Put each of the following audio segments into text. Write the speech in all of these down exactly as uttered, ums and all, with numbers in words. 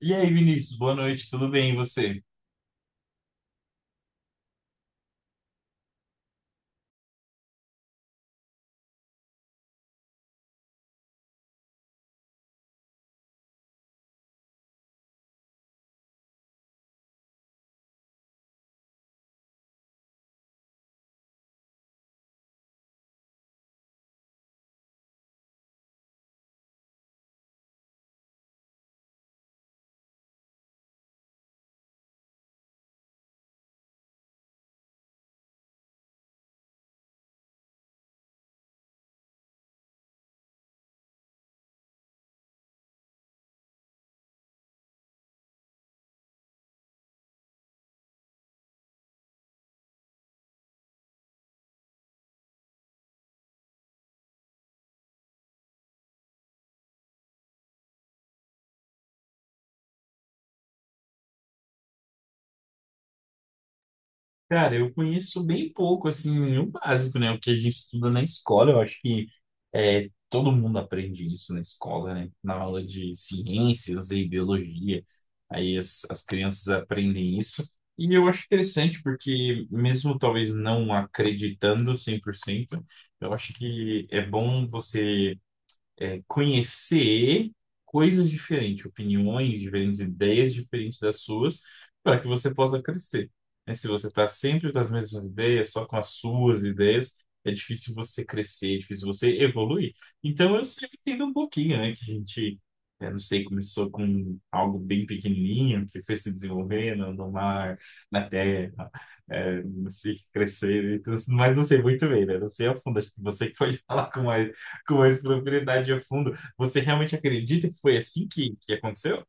E aí, Vinícius, boa noite, tudo bem? E você? Cara, eu conheço bem pouco, assim, o básico, né? O que a gente estuda na escola, eu acho que é, todo mundo aprende isso na escola, né? Na aula de ciências e biologia, aí as, as crianças aprendem isso. E eu acho interessante, porque mesmo talvez não acreditando cem por cento, eu acho que é bom você é, conhecer coisas diferentes, opiniões diferentes, ideias diferentes das suas, para que você possa crescer, né? Se você está sempre com as mesmas ideias, só com as suas ideias, é difícil você crescer, é difícil você evoluir. Então eu sempre entendo um pouquinho, né? Que a gente, é, Não sei, começou com algo bem pequenininho, que foi se desenvolvendo no mar, na terra, é, se crescer, e tudo, mas não sei muito bem, né? Não sei a fundo, acho que você que pode falar com mais com mais profundidade a fundo. Você realmente acredita que foi assim que, que aconteceu?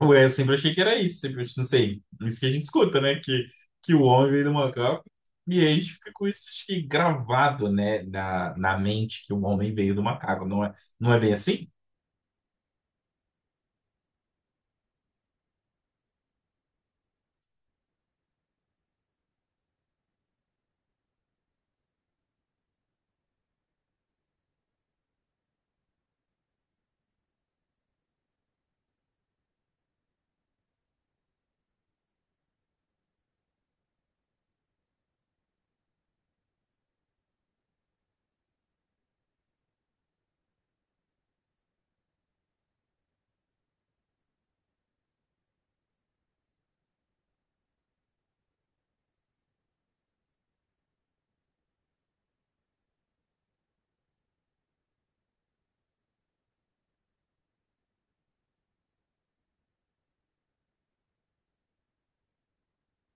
Ou é, eu sempre achei que era isso, sempre, não sei, isso que a gente escuta, né? Que, que o homem veio do macaco, e aí a gente fica com isso acho que, gravado, né, na, na mente que o homem veio do macaco, não é, não é bem assim?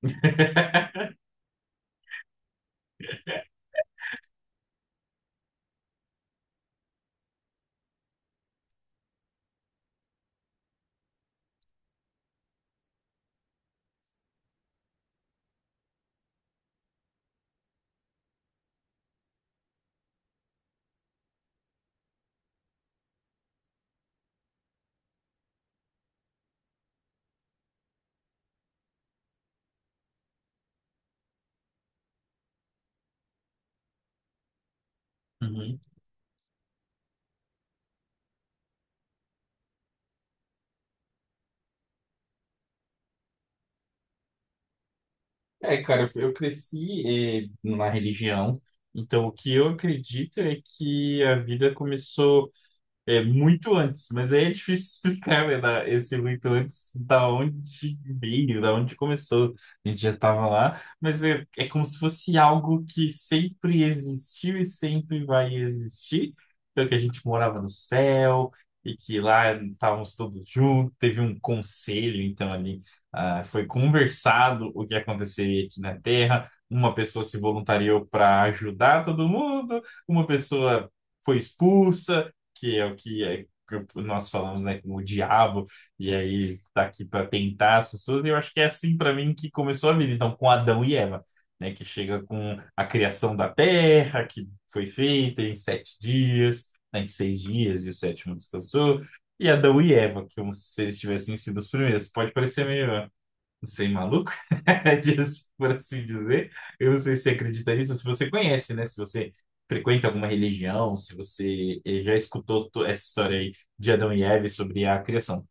Uhum. É, cara, eu eu cresci eh, na religião, então o que eu acredito é que a vida começou. É muito antes, mas aí é difícil explicar, né, da- esse muito antes, da onde veio, da onde começou. A gente já estava lá, mas é, é como se fosse algo que sempre existiu e sempre vai existir. Então, que a gente morava no céu e que lá estávamos todos juntos, teve um conselho, então ali ah, foi conversado o que aconteceria aqui na Terra. Uma pessoa se voluntariou para ajudar todo mundo, uma pessoa foi expulsa, que é o que é, que nós falamos, né, como o diabo, e aí tá aqui para tentar as pessoas, e eu acho que é assim para mim que começou a vida, então, com Adão e Eva, né, que chega com a criação da terra, que foi feita em sete dias, né, em seis dias, e o sétimo descansou, e Adão e Eva, que como se eles tivessem sido os primeiros, pode parecer meio sem maluco, diz- por assim dizer. Eu não sei se você acredita nisso, se você conhece, né? Se você frequenta alguma religião, se você eh, já escutou to- essa história aí de Adão e Eva sobre a criação.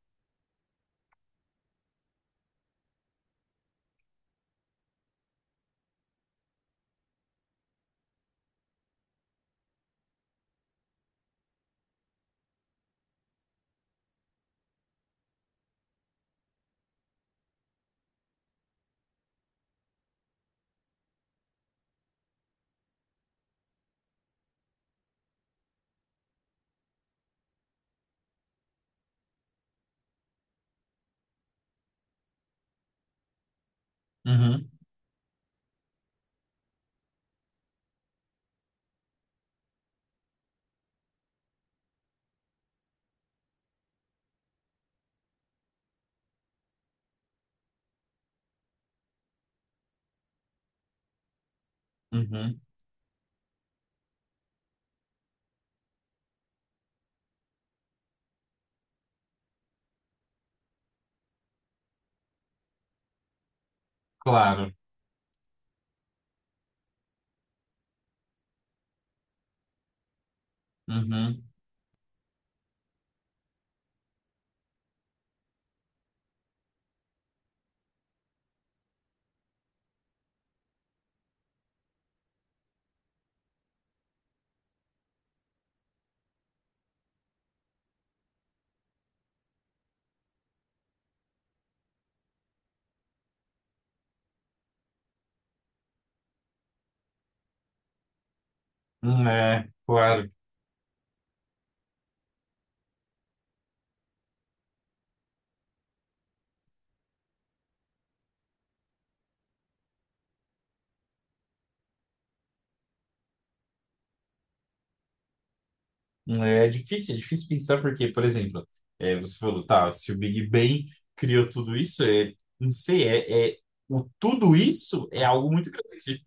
Uhum, uhum, claro. Uhum, hum, é, claro. Hum, É difícil, é difícil pensar porque, por exemplo, eh, você falou, tá, se o Big Bang criou tudo isso, é, não sei, é, é, o tudo isso é algo muito grande.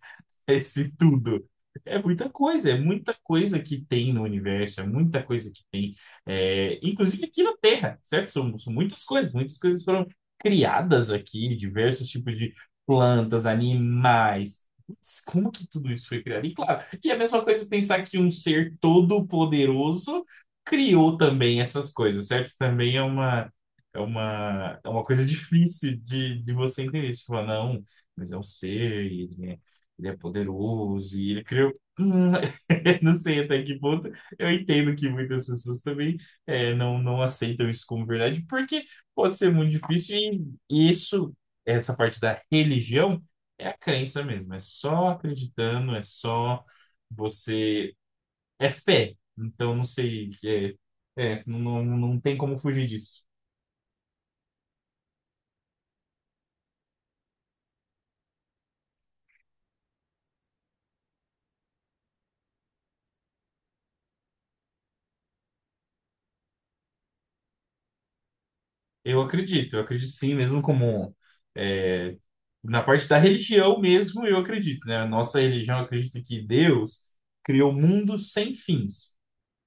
Esse tudo. É muita coisa, é muita coisa que tem no universo, é muita coisa que tem, é, inclusive aqui na Terra, certo? São, são muitas coisas, muitas coisas foram criadas aqui, diversos tipos de plantas, animais. Putz, como que tudo isso foi criado? E claro, e é a mesma coisa pensar que um ser todo-poderoso criou também essas coisas, certo? Também é uma, é uma, é uma coisa difícil de, de você entender. Você fala, não. Mas é um ser, ele é poderoso e ele criou. Não sei até que ponto. Eu entendo que muitas pessoas também eh, não, não aceitam isso como verdade, porque pode ser muito difícil e isso, essa parte da religião, é a crença mesmo. É só acreditando, é só você. É fé. Então, não sei. É, é, não, não, não tem como fugir disso. Eu acredito, eu acredito sim, mesmo como é, na parte da religião mesmo, eu acredito, né? A nossa religião acredita que Deus criou o mundo sem fins.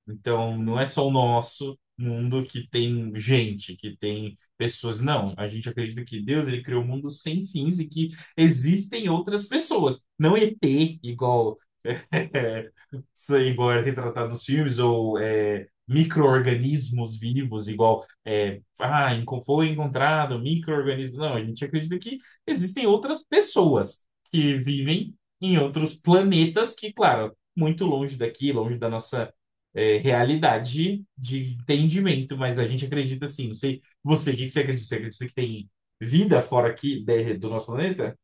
Então, não é só o nosso mundo que tem gente, que tem pessoas. Não, a gente acredita que Deus ele criou um mundo sem fins e que existem outras pessoas. Não E T, igual, sei, igual é retratado nos filmes, ou é, micro-organismos vivos, igual é, ah, enco- foi encontrado micro-organismo. Não, a gente acredita que existem outras pessoas que vivem em outros planetas que, claro, muito longe daqui, longe da nossa é, realidade de entendimento, mas a gente acredita assim, não sei, você, o que que você acredita? Você acredita que tem vida fora aqui de- do nosso planeta?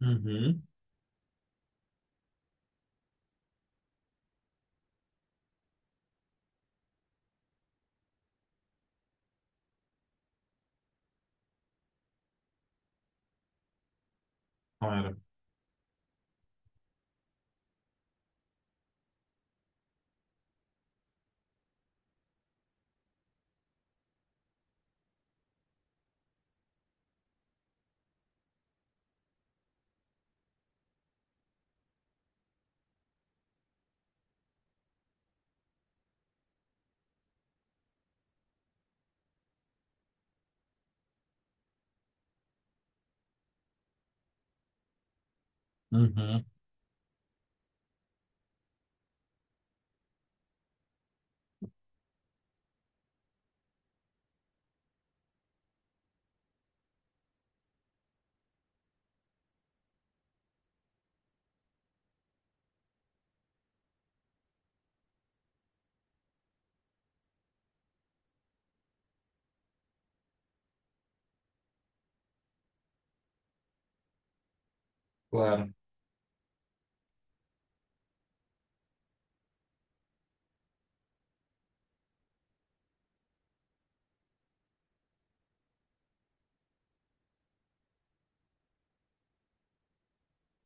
Uhum, claro. Uhum, claro.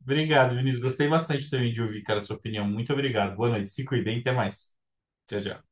Obrigado, Vinícius. Gostei bastante também de ouvir, cara, a sua opinião. Muito obrigado. Boa noite. Se cuidem, até mais. Tchau, tchau.